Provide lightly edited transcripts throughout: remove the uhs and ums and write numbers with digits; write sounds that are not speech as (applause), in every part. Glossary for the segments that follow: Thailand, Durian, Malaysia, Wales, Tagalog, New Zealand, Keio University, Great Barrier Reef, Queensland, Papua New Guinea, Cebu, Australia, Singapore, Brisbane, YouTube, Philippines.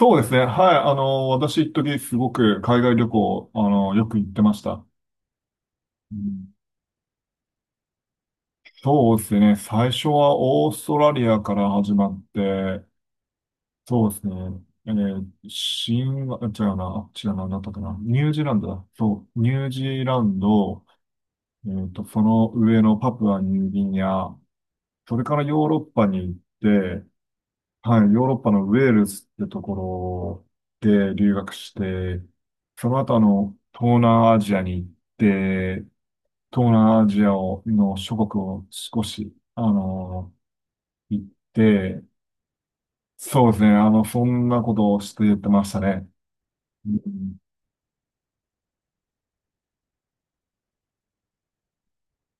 そうですね。はい。私、一時すごく海外旅行、よく行ってました。うん。そうですね。最初はオーストラリアから始まって、そうですね。あ違うな、違うな、なんだったかな。ニュージーランドだ。そう、ニュージーランド、その上のパプアニューギニア、それからヨーロッパに行って、はい、ヨーロッパのウェールズってところで留学して、その後東南アジアに行って、東南アジアをの諸国を少し、行って、そうですね、そんなことをして言ってましたね。うん。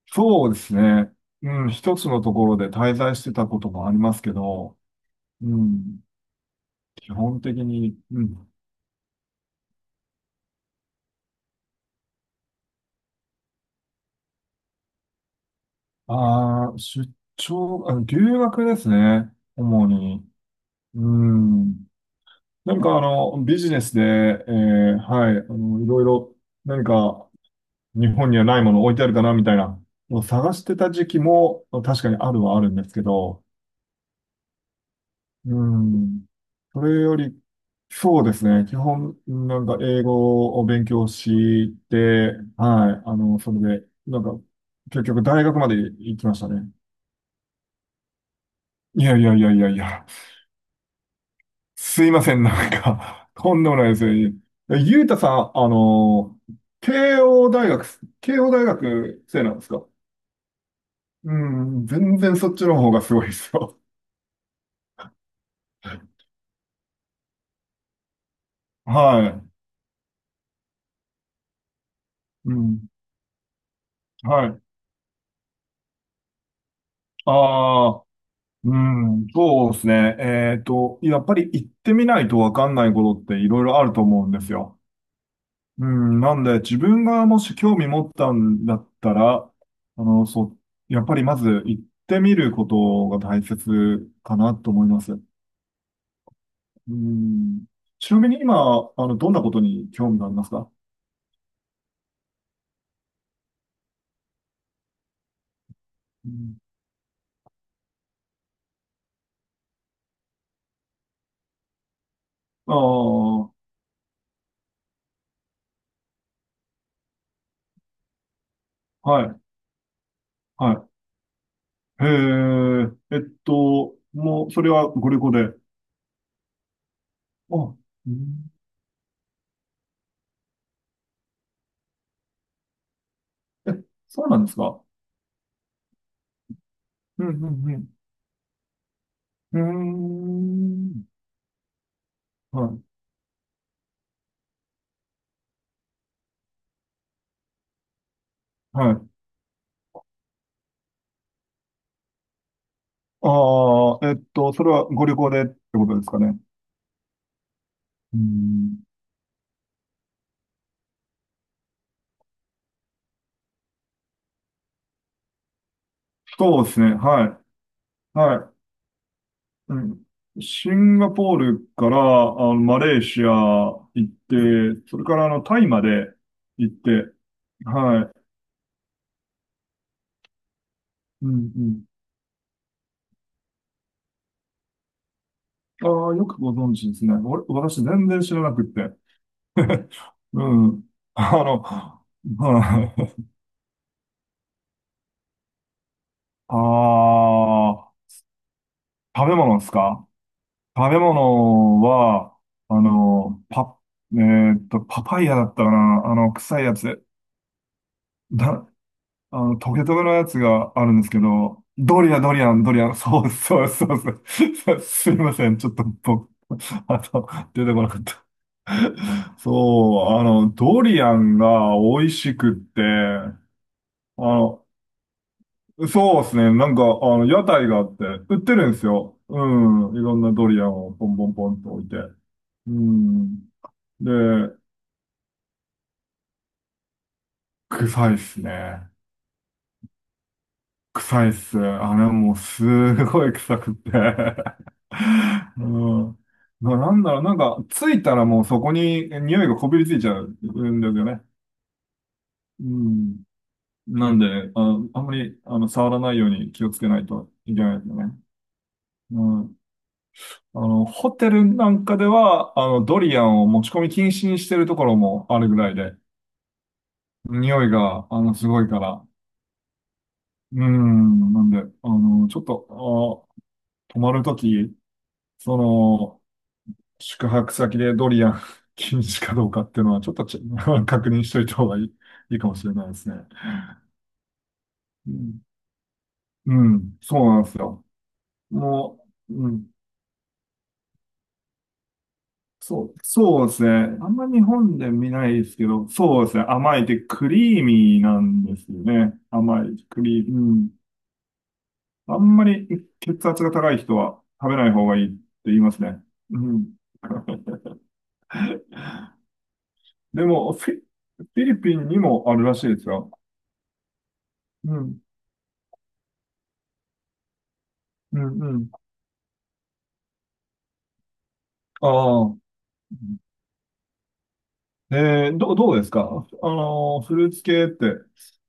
そうですね、うん、一つのところで滞在してたこともありますけど、うん、基本的に、うん、ああ、出張、留学ですね、主に。うん。何かビジネスで、はい、いろいろ何か日本にはないもの置いてあるかなみたいなのを探してた時期も確かにあるはあるんですけど、うん。それより、そうですね。基本、なんか英語を勉強して、はい、それで、なんか、結局大学まで行きましたね。いやいやいやいやいや。すいません、なんか、(laughs) とんでもないですね。ゆうたさん、慶応大学生なんですか？うん、全然そっちの方がすごいですよ。(laughs) はい。うん、はい。ああ、うん、そうですね。やっぱり行ってみないとわかんないことっていろいろあると思うんですよ。うん、なんで、自分がもし興味持ったんだったら、そう、やっぱりまず行ってみることが大切かなと思います。うん。ちなみに今、どんなことに興味がありますか？うん、ああ、はい、はい。へえ、もう、それはご旅行で。あ、うん、え、そうなんですか？うん、うん、うん。うーん、はい、はい。ああ、それはご旅行でってことですかね。うん、そうですね。はい。はい。うん、シンガポールからマレーシア行って、それからタイまで行って、はい。うん、うん。ああ、よくご存知ですね。私全然知らなくって。うん。(laughs) はい。ああ、食べ物ですか？食べ物は、あの、パ、パパイヤだったかな臭いやつ。だ、トゲトゲのやつがあるんですけど、ドリアン、ドリアン、ドリアン、そうそうそうそう。(laughs) そうすいません。ちょっと僕、あと、出てこなかった。そう、ドリアンが美味しくって、の、そうですね。なんか、屋台があって、売ってるんですよ。うん。いろんなドリアンをポンポンポンと置いて。うん。で、臭いっすね。臭いっす。あれもうすごい臭くって。(laughs) うん。なんだろう、なんか、ついたらもうそこに匂いがこびりついちゃうんですよね。うん。なんで、あんまり、触らないように気をつけないといけないですよね。うん。ホテルなんかでは、ドリアンを持ち込み禁止にしてるところもあるぐらいで、匂いが、すごいから。うん。なんで、ちょっと、泊まるとき、その、宿泊先でドリアン (laughs) 禁止かどうかっていうのは、ちょっとち (laughs) 確認しといた方がいいかもしれないですね。うん、うん、そうなんですよ。もう、うん、そう、そうですね。あんま日本で見ないですけど、そうですね。甘いってクリーミーなんですよね。甘い、クリーミー、うん。あんまり血圧が高い人は食べない方がいいって言いますね。うん。でも、フィリピンにもあるらしいですよ。うん、うん、うん。ああ。どうですかフルーツ系って、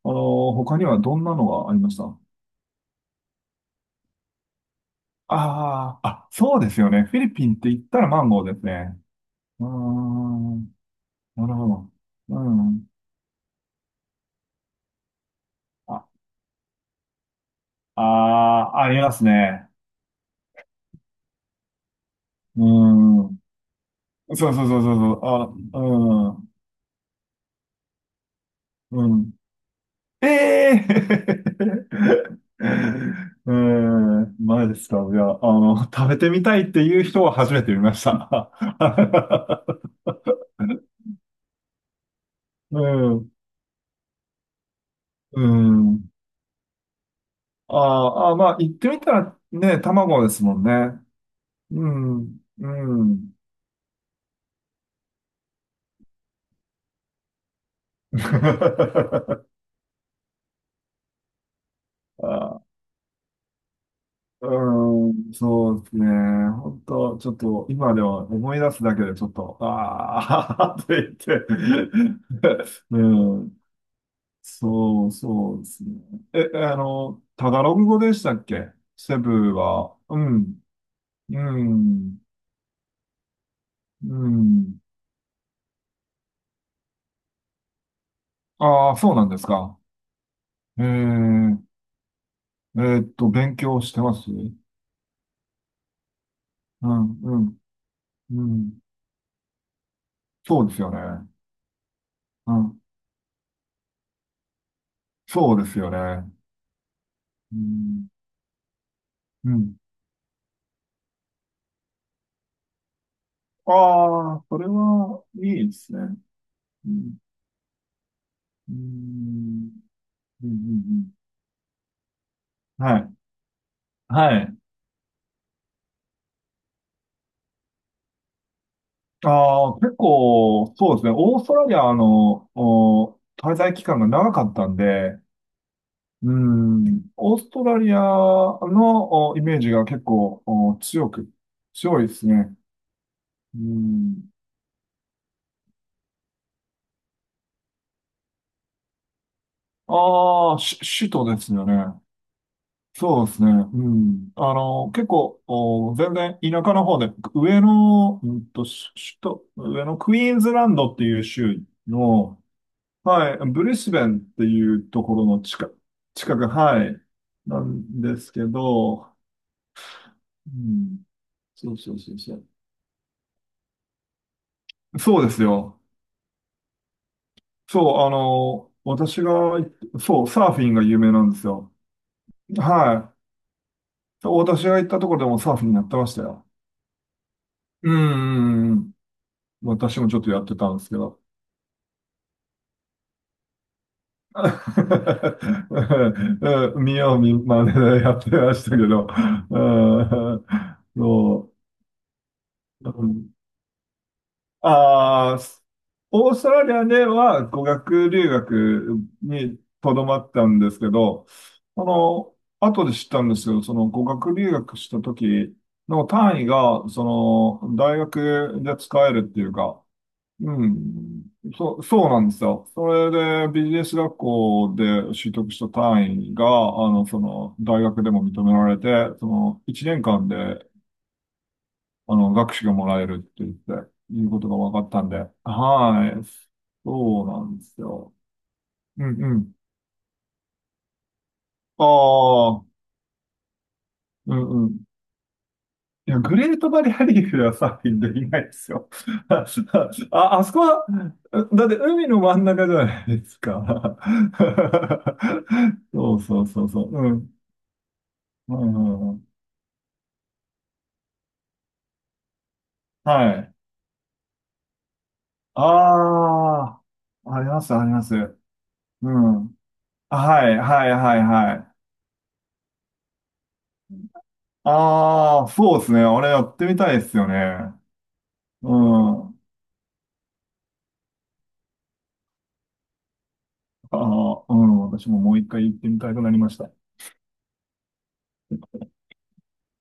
他にはどんなのがありました？ああー、あ、そうですよね。フィリピンって言ったらマンゴーですね。うーん、なるほど。うん。あ、ああありますね。うーん。そうそうそうそうそう。あ、うん、うん。ええー (laughs) うーん、前ですか？いや、食べてみたいっていう人は初めて見ました。(laughs) うん、うん。あーあー、まあ、言ってみたらね、卵ですもんね。うん、うん。(laughs) あ、うん、そうですね。本当ちょっと、今では思い出すだけでちょっと、ああ、(laughs) と言って。(laughs) うん、そう、そうですね。え、タガログ語でしたっけ、セブは？うん、うん、うん。ああ、そうなんですか。ええ勉強してます。うん、うん、うん。そうですよね。うん、そうですよね。うん、うん。ああ、それはいいですね。うん、うん、うん、うんうんはい、はい。ああ、結構、そうですね。オーストラリアの、滞在期間が長かったんで、うん、オーストラリアの、イメージが結構、強いですね。うん。ああ、首都ですよね。そうですね。うん。結構、全然田舎の方で、上の、首都、上のクイーンズランドっていう州の、はい、ブリスベンっていうところの近く、はい、なんですけど、うん。そうそうそうそう。そうですよ。そう、私が行って、そう、サーフィンが有名なんですよ。はい。そう私が行ったところでもサーフィンやってましたよ。うーん。私もちょっとやってたんですけど。(laughs) うん。見よう見まねでやってましたけど。うん、そう。うん。ああ、オーストラリアでは語学留学にとどまったんですけど、後で知ったんですけど、その語学留学した時の単位が、その、大学で使えるっていうか、うん。そう、そうなんですよ。それで、ビジネス学校で取得した単位が、その、大学でも認められて、その、1年間で、学士がもらえるっていうことが分かったんで。はい。そうなんですよ。うん、うん。ああ、うん、うん、いや、グレートバリアリーフではサーフィンできないですよ。(laughs) あ、あそこは、だって海の真ん中じゃないですか。(laughs) そうそうそうそう。うん。うん、うん、はい。ああ、あります、あります。うん。はい、はい、はい、はい。ああ、そうですね。あれやってみたいですよね。うん。ああ、うん。私ももう一回行ってみたくなりました。